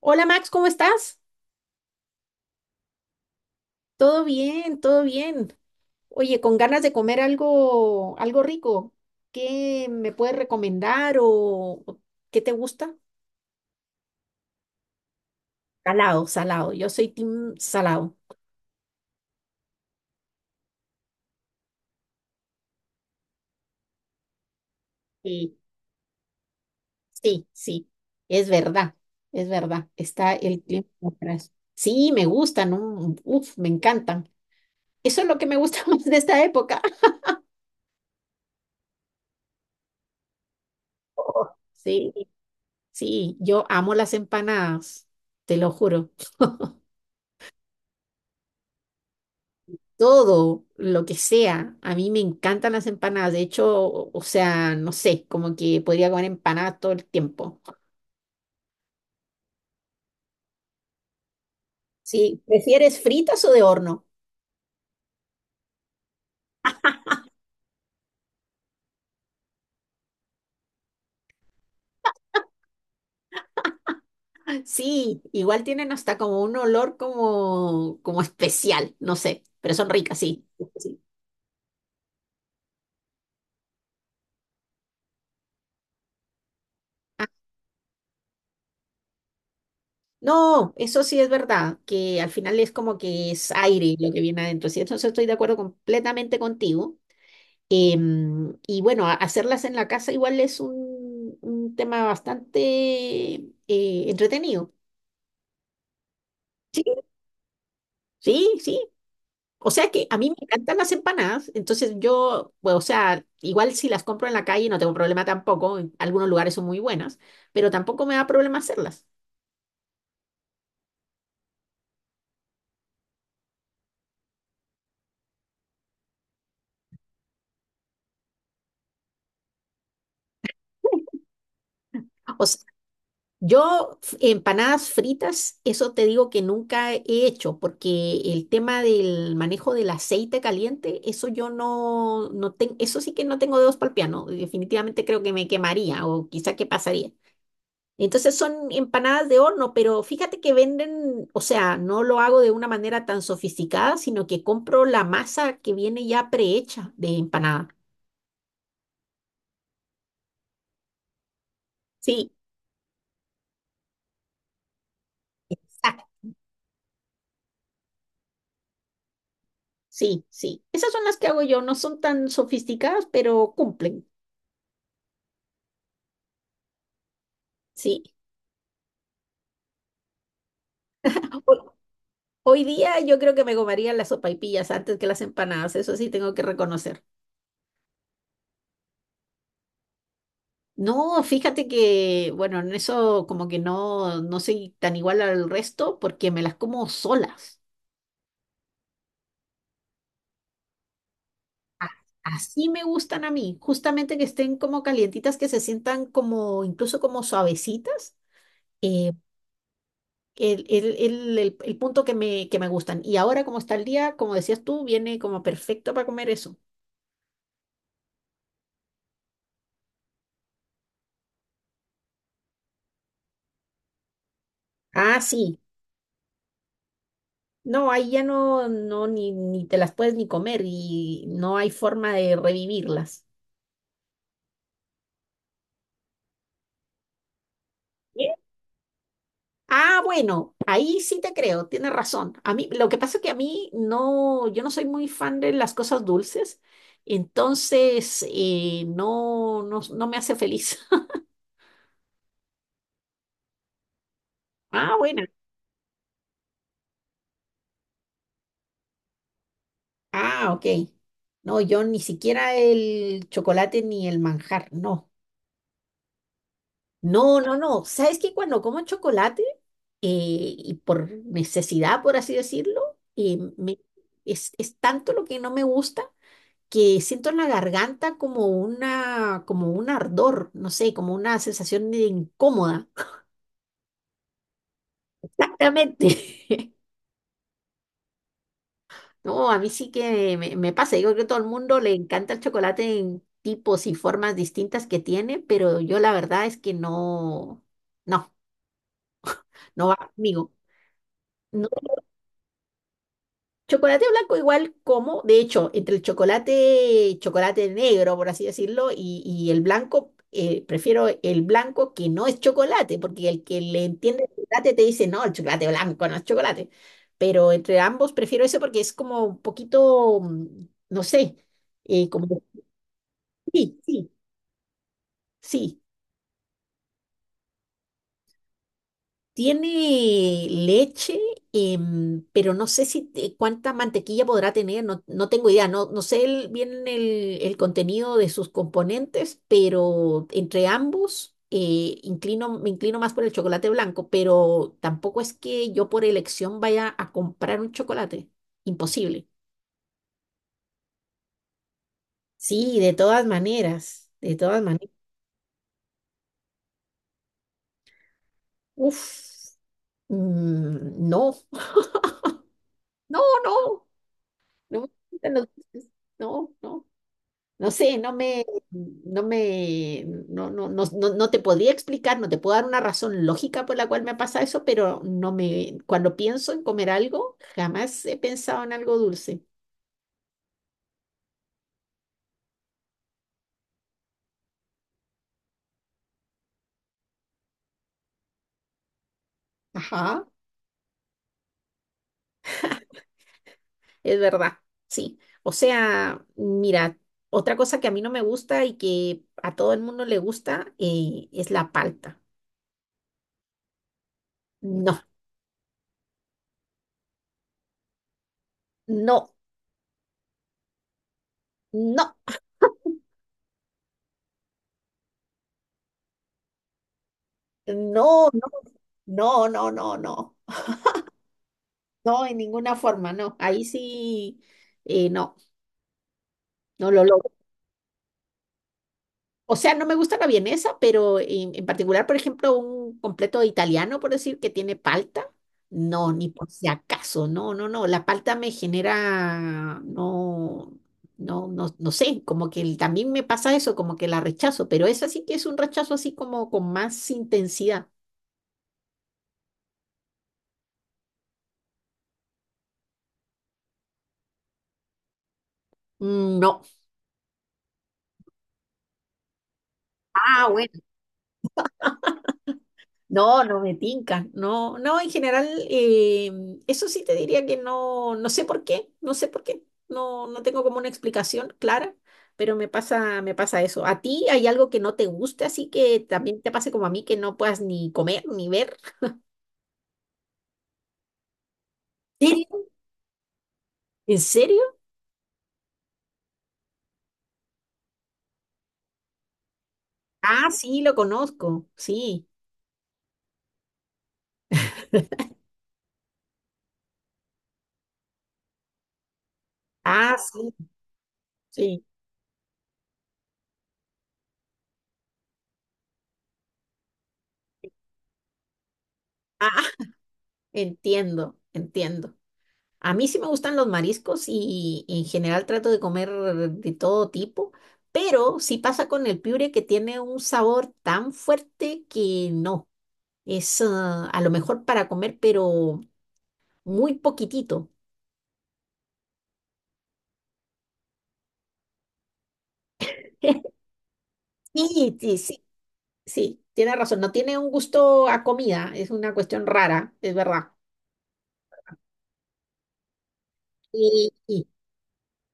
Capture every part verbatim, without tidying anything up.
Hola Max, ¿cómo estás? Todo bien, todo bien. Oye, con ganas de comer algo, algo rico. ¿Qué me puedes recomendar o, o qué te gusta? Salado, salado. Yo soy team salado. Sí, sí, sí. Es verdad, es verdad. Está el clima atrás. Sí, me gustan, ¿no? Uf, me encantan. Eso es lo que me gusta más de esta época. Oh, sí, sí. Yo amo las empanadas, te lo juro. Todo, lo que sea. A mí me encantan las empanadas. De hecho, o o sea, no sé, como que podría comer empanadas todo el tiempo. Sí, ¿prefieres fritas o de horno? Sí, igual tienen hasta como un olor como, como especial, no sé, pero son ricas, sí. Sí. Ah, no, eso sí es verdad, que al final es como que es aire lo que viene adentro. Sí, entonces estoy de acuerdo completamente contigo. Em, y bueno, a- hacerlas en la casa igual es un, un tema bastante eh, entretenido. Sí, sí, sí. O sea que a mí me encantan las empanadas, entonces yo, bueno, o sea, igual si las compro en la calle no tengo problema tampoco, en algunos lugares son muy buenas, pero tampoco me da problema hacerlas. O sea, Yo f- empanadas fritas, eso te digo que nunca he hecho, porque el tema del manejo del aceite caliente, eso yo no, no tengo, eso sí que no tengo dedos para el piano, definitivamente creo que me quemaría o quizá que pasaría. Entonces son empanadas de horno, pero fíjate que venden, o sea, no lo hago de una manera tan sofisticada, sino que compro la masa que viene ya prehecha de empanada. Sí, exacto, sí, sí. Esas son las que hago yo, no son tan sofisticadas, pero cumplen. Sí. Ho- Hoy día yo creo que me comería las sopaipillas antes que las empanadas, eso sí tengo que reconocer. No, fíjate que, bueno, en eso como que no, no soy tan igual al resto porque me las como solas. A- Así me gustan a mí, justamente que estén como calientitas, que se sientan como, incluso como suavecitas. eh, el, el- el- el- el punto que me, que me gustan. Y ahora como está el día, como decías tú, viene como perfecto para comer eso. Ah, sí. No, ahí ya no, no, ni, ni te las puedes ni comer y no hay forma de revivirlas. ¿Sí? Ah, bueno, ahí sí te creo, tienes razón. A mí, lo que pasa es que a mí no, yo no soy muy fan de las cosas dulces, entonces eh, no, no, no me hace feliz. Ah, bueno. Ah, ok. No, yo ni siquiera el chocolate ni el manjar, no. No, no, no. ¿Sabes que cuando como chocolate eh, y por necesidad, por así decirlo, eh, me- es, es tanto lo que no me gusta que siento en la garganta como una, como un ardor, no sé, como una sensación de incómoda. Exactamente. No, a mí sí que me, me pasa. Yo creo que a todo el mundo le encanta el chocolate en tipos y formas distintas que tiene, pero yo la verdad es que no, no, no va conmigo. Chocolate blanco igual como, de hecho, entre el chocolate, chocolate negro, por así decirlo, y, y el blanco, eh, prefiero el blanco que no es chocolate, porque el que le entiende el chocolate te dice, no, el chocolate blanco no es chocolate. Pero entre ambos prefiero eso porque es como un poquito, mm, no sé, eh, como... Sí, sí, sí. Tiene leche, em, pero no sé si te- cuánta mantequilla podrá tener, no, no tengo idea, no, no sé el- bien el, el contenido de sus componentes, pero entre ambos eh, inclino, me inclino más por el chocolate blanco, pero tampoco es que yo por elección vaya a comprar un chocolate, imposible. Sí, de todas maneras, de todas maneras. Uf, mm, no, no, no, no, me gustan los dulces, no, no. No sé, no me, no me, no, no, no, no, no te podría explicar, no te puedo dar una razón lógica por la cual me pasa eso, pero no me, cuando pienso en comer algo, jamás he pensado en algo dulce. Ajá, es verdad, sí. O sea, mira, otra cosa que a mí no me gusta y que a todo el mundo le gusta eh, es la palta. No, no, no, no, no, no, no, no, no, no, en ninguna forma, no. Ahí sí, eh, no, no lo logro. O sea, no me gusta la vienesa, pero en, en particular, por ejemplo, un completo italiano, por decir, que tiene palta. No, ni por si acaso, no, no, no. La palta me genera, no, no, no, no sé, como que el- también me pasa eso, como que la rechazo, pero esa sí que es un rechazo así como con más intensidad. Mm, no. Ah, bueno. No, no me tinca, no, no, en general, eh, eso sí te diría que no, no sé por qué, no sé por qué, no, no tengo como una explicación clara, pero me pasa, me pasa eso. ¿A ti hay algo que no te guste, así que también te pase como a mí, que no puedas ni comer ni ver? ¿Serio? ¿En serio? Ah, sí, lo conozco, sí. Ah, sí, sí. Ah, entiendo, entiendo. A mí sí me gustan los mariscos y, y en general trato de comer de todo tipo, pero sí pasa con el piure que tiene un sabor tan fuerte que no, es ah, a lo mejor para comer, pero muy poquitito. Sí, sí, sí, sí, tiene razón, no tiene un gusto a comida, es una cuestión rara, es verdad. Y, y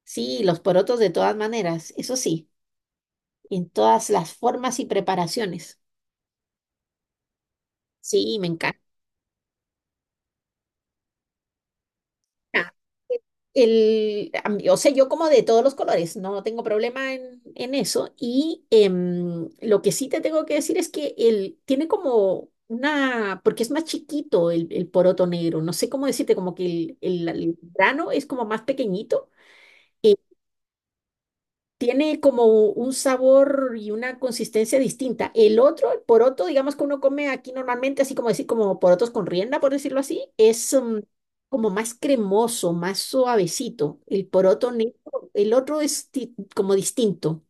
sí, los porotos de todas maneras, eso sí, en todas las formas y preparaciones. Sí, me encanta. Ah, El, a mí- o sea, yo como de todos los colores, no tengo problema en, en eso. Y em, lo que sí te tengo que decir es que él tiene como una, porque es más chiquito el, el poroto negro, no sé cómo decirte, como que el, el, el grano es como más pequeñito. eh, tiene como un sabor y una consistencia distinta. El otro, el poroto, digamos que uno come aquí normalmente, así como decir, como porotos con rienda, por decirlo así, es mm, como más cremoso, más suavecito. El poroto negro, el otro es di- como distinto.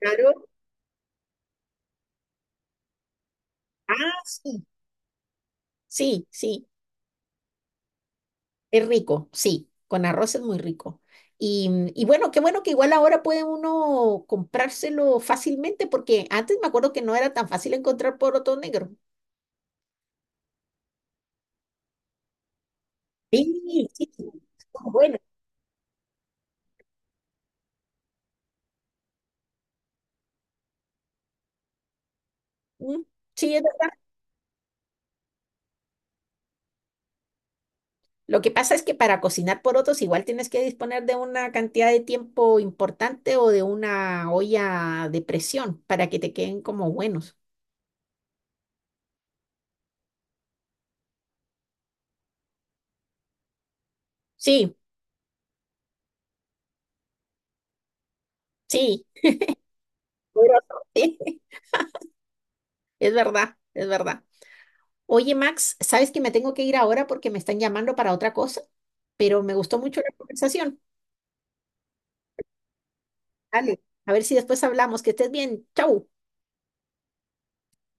Claro. Ah, sí. Sí, sí, es rico, sí, con arroz es muy rico. Y, mm, y bueno, qué bueno que igual ahora puede uno comprárselo fácilmente, porque antes me acuerdo que no era tan fácil encontrar poroto negro. Sí, sí, bueno, mm, sí, es verdad. Lo que pasa es que para cocinar porotos igual tienes que disponer de una cantidad de tiempo importante o de una olla de presión para que te queden como buenos. Sí, sí, poroto, sí, es verdad, es verdad. Oye, Max, sabes que me tengo que ir ahora porque me están llamando para otra cosa, pero me gustó mucho la conversación. Dale, a ver si después hablamos. Que estés bien. Chau.